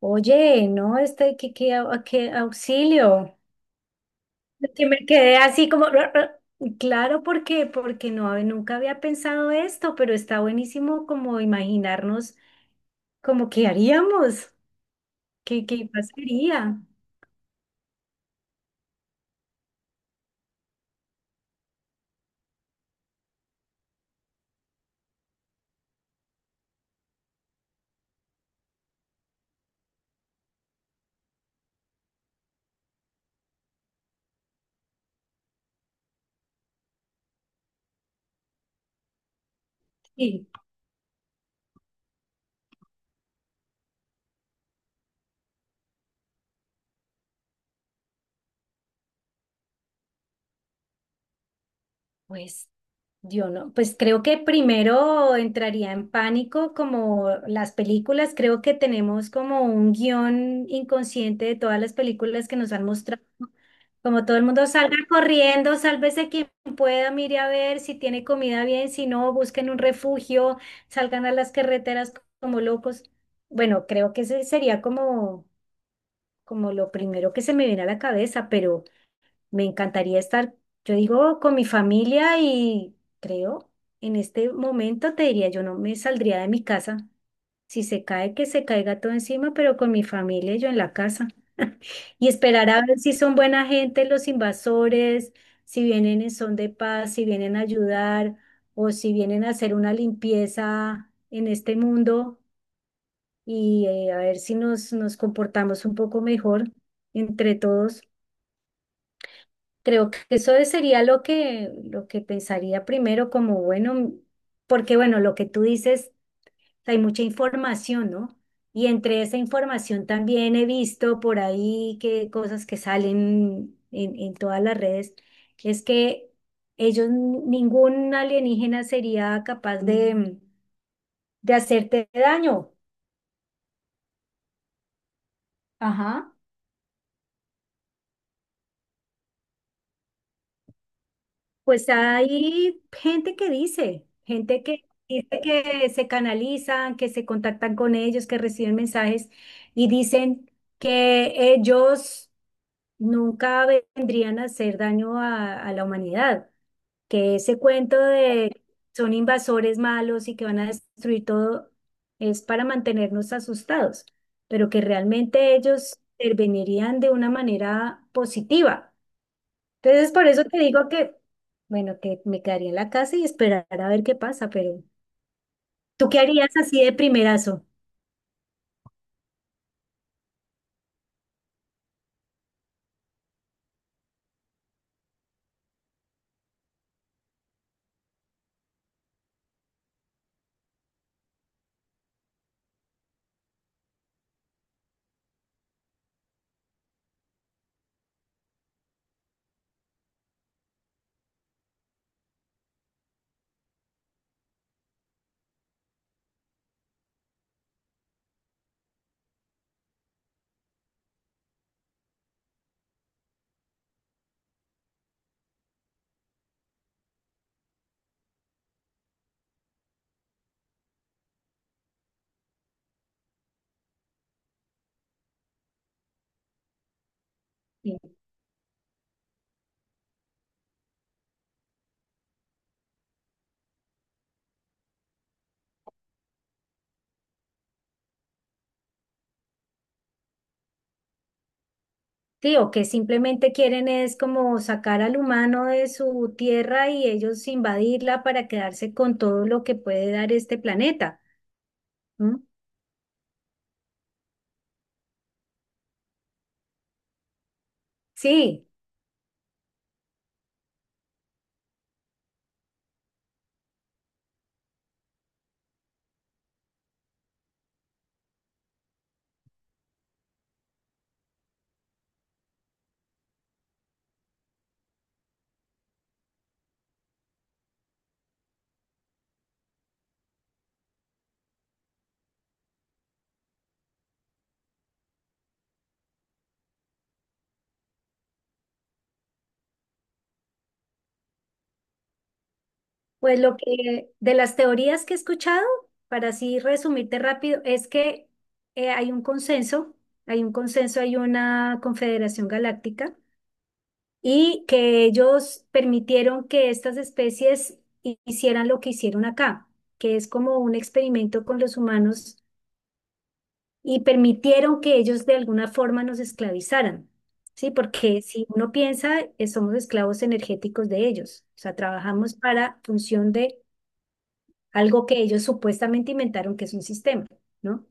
Oye, no, qué auxilio. Que me quedé así como, "Ra, ra". Claro, porque no, nunca había pensado esto, pero está buenísimo como imaginarnos como qué haríamos, qué pasaría. Sí, pues yo no, pues creo que primero entraría en pánico como las películas, creo que tenemos como un guión inconsciente de todas las películas que nos han mostrado. Como todo el mundo salga corriendo, sálvese quien pueda, mire a ver si tiene comida bien, si no, busquen un refugio, salgan a las carreteras como locos. Bueno, creo que ese sería como, como lo primero que se me viene a la cabeza, pero me encantaría estar, yo digo, con mi familia y creo, en este momento te diría, yo no me saldría de mi casa. Si se cae, que se caiga todo encima, pero con mi familia y yo en la casa y esperar a ver si son buena gente los invasores, si vienen en son de paz, si vienen a ayudar o si vienen a hacer una limpieza en este mundo y a ver si nos comportamos un poco mejor entre todos. Creo que eso sería lo que pensaría primero como, bueno, porque bueno, lo que tú dices sea, hay mucha información, ¿no? Y entre esa información también he visto por ahí que cosas que salen en todas las redes, es que ellos, ningún alienígena sería capaz de hacerte daño. Ajá. Pues hay gente que dice que se canalizan, que se contactan con ellos, que reciben mensajes y dicen que ellos nunca vendrían a hacer daño a la humanidad, que ese cuento de son invasores malos y que van a destruir todo es para mantenernos asustados, pero que realmente ellos intervenirían de una manera positiva. Entonces, por eso te digo que, bueno, que me quedaría en la casa y esperar a ver qué pasa, pero ¿tú qué harías así de primerazo? Sí, o que simplemente quieren es como sacar al humano de su tierra y ellos invadirla para quedarse con todo lo que puede dar este planeta. ¿Mm? Sí, pues lo que de las teorías que he escuchado, para así resumirte rápido, es que hay un consenso, hay un consenso, hay una confederación galáctica y que ellos permitieron que estas especies hicieran lo que hicieron acá, que es como un experimento con los humanos y permitieron que ellos de alguna forma nos esclavizaran, ¿sí? Porque si uno piensa, somos esclavos energéticos de ellos, o sea, trabajamos para función de algo que ellos supuestamente inventaron, que es un sistema, ¿no?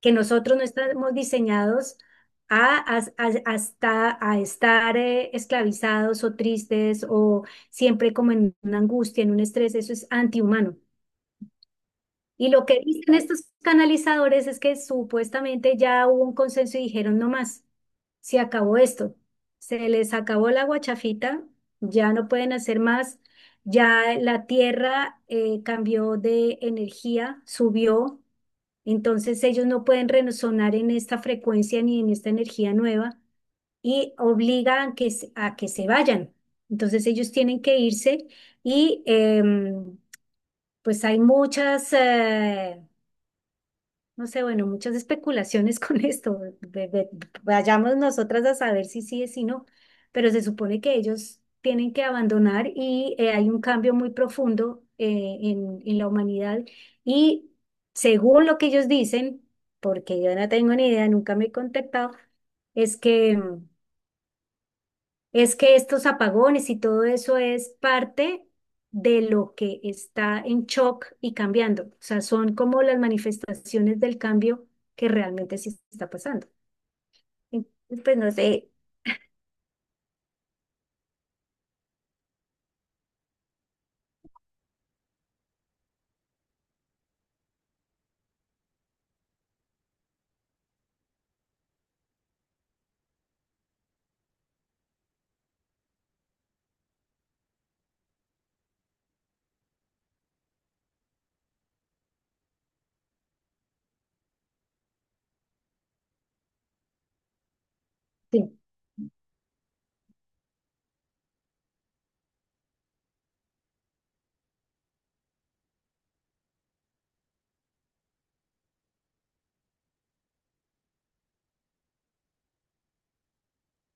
Que nosotros no estamos diseñados hasta, a estar esclavizados o tristes o siempre como en una angustia, en un estrés, eso es antihumano. Y lo que dicen estos canalizadores es que supuestamente ya hubo un consenso y dijeron no más, se acabó esto, se les acabó la guachafita, ya no pueden hacer más, ya la tierra cambió de energía, subió, entonces ellos no pueden resonar en esta frecuencia ni en esta energía nueva y obligan que, a que se vayan. Entonces ellos tienen que irse y pues hay muchas... no sé, bueno, muchas especulaciones con esto. Vayamos nosotras a saber si sí es si no, pero se supone que ellos tienen que abandonar y hay un cambio muy profundo en la humanidad. Y según lo que ellos dicen, porque yo no tengo ni idea, nunca me he contactado, es que es que estos apagones y todo eso es parte de lo que está en shock y cambiando. O sea, son como las manifestaciones del cambio que realmente sí está pasando. Entonces, pues no sé. Sí,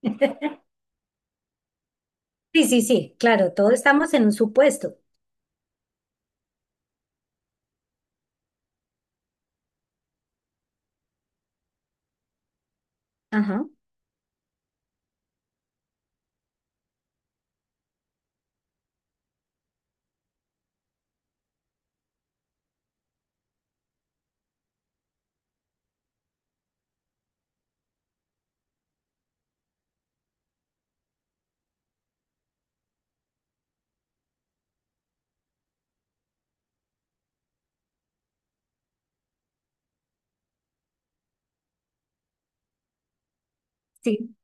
sí, sí, sí, claro, todos estamos en un supuesto. Ajá, sí.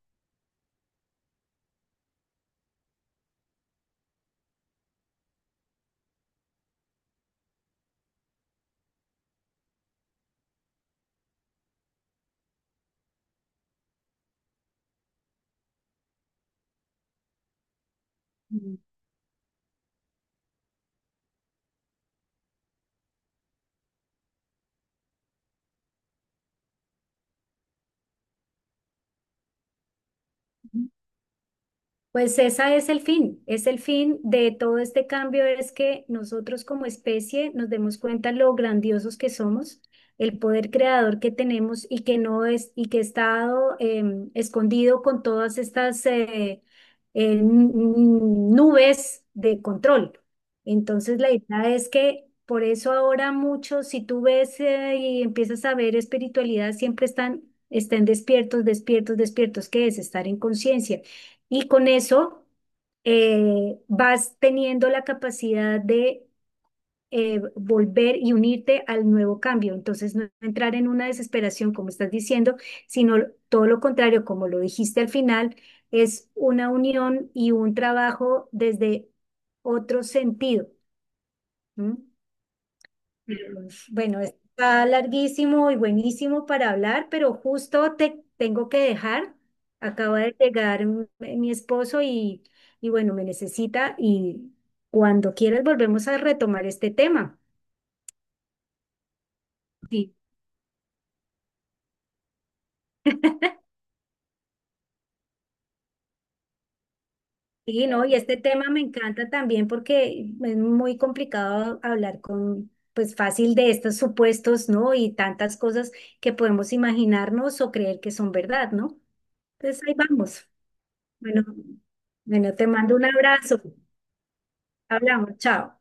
Pues esa es el fin de todo este cambio, es que nosotros como especie nos demos cuenta lo grandiosos que somos, el poder creador que tenemos y que no es y que está dado, escondido con todas estas nubes de control. Entonces la idea es que por eso ahora muchos, si tú ves y empiezas a ver espiritualidad, siempre están, están despiertos, despiertos, despiertos, que es estar en conciencia. Y con eso vas teniendo la capacidad de volver y unirte al nuevo cambio. Entonces, no entrar en una desesperación, como estás diciendo, sino todo lo contrario, como lo dijiste al final, es una unión y un trabajo desde otro sentido. ¿M? Bueno, está larguísimo y buenísimo para hablar, pero justo te tengo que dejar. Acaba de llegar mi esposo y bueno, me necesita y cuando quieras volvemos a retomar este tema. Sí, sí, ¿no? Y este tema me encanta también porque es muy complicado hablar con, pues fácil de estos supuestos, ¿no? Y tantas cosas que podemos imaginarnos o creer que son verdad, ¿no? Entonces ahí vamos. Bueno, bueno, te mando un abrazo. Hablamos, chao.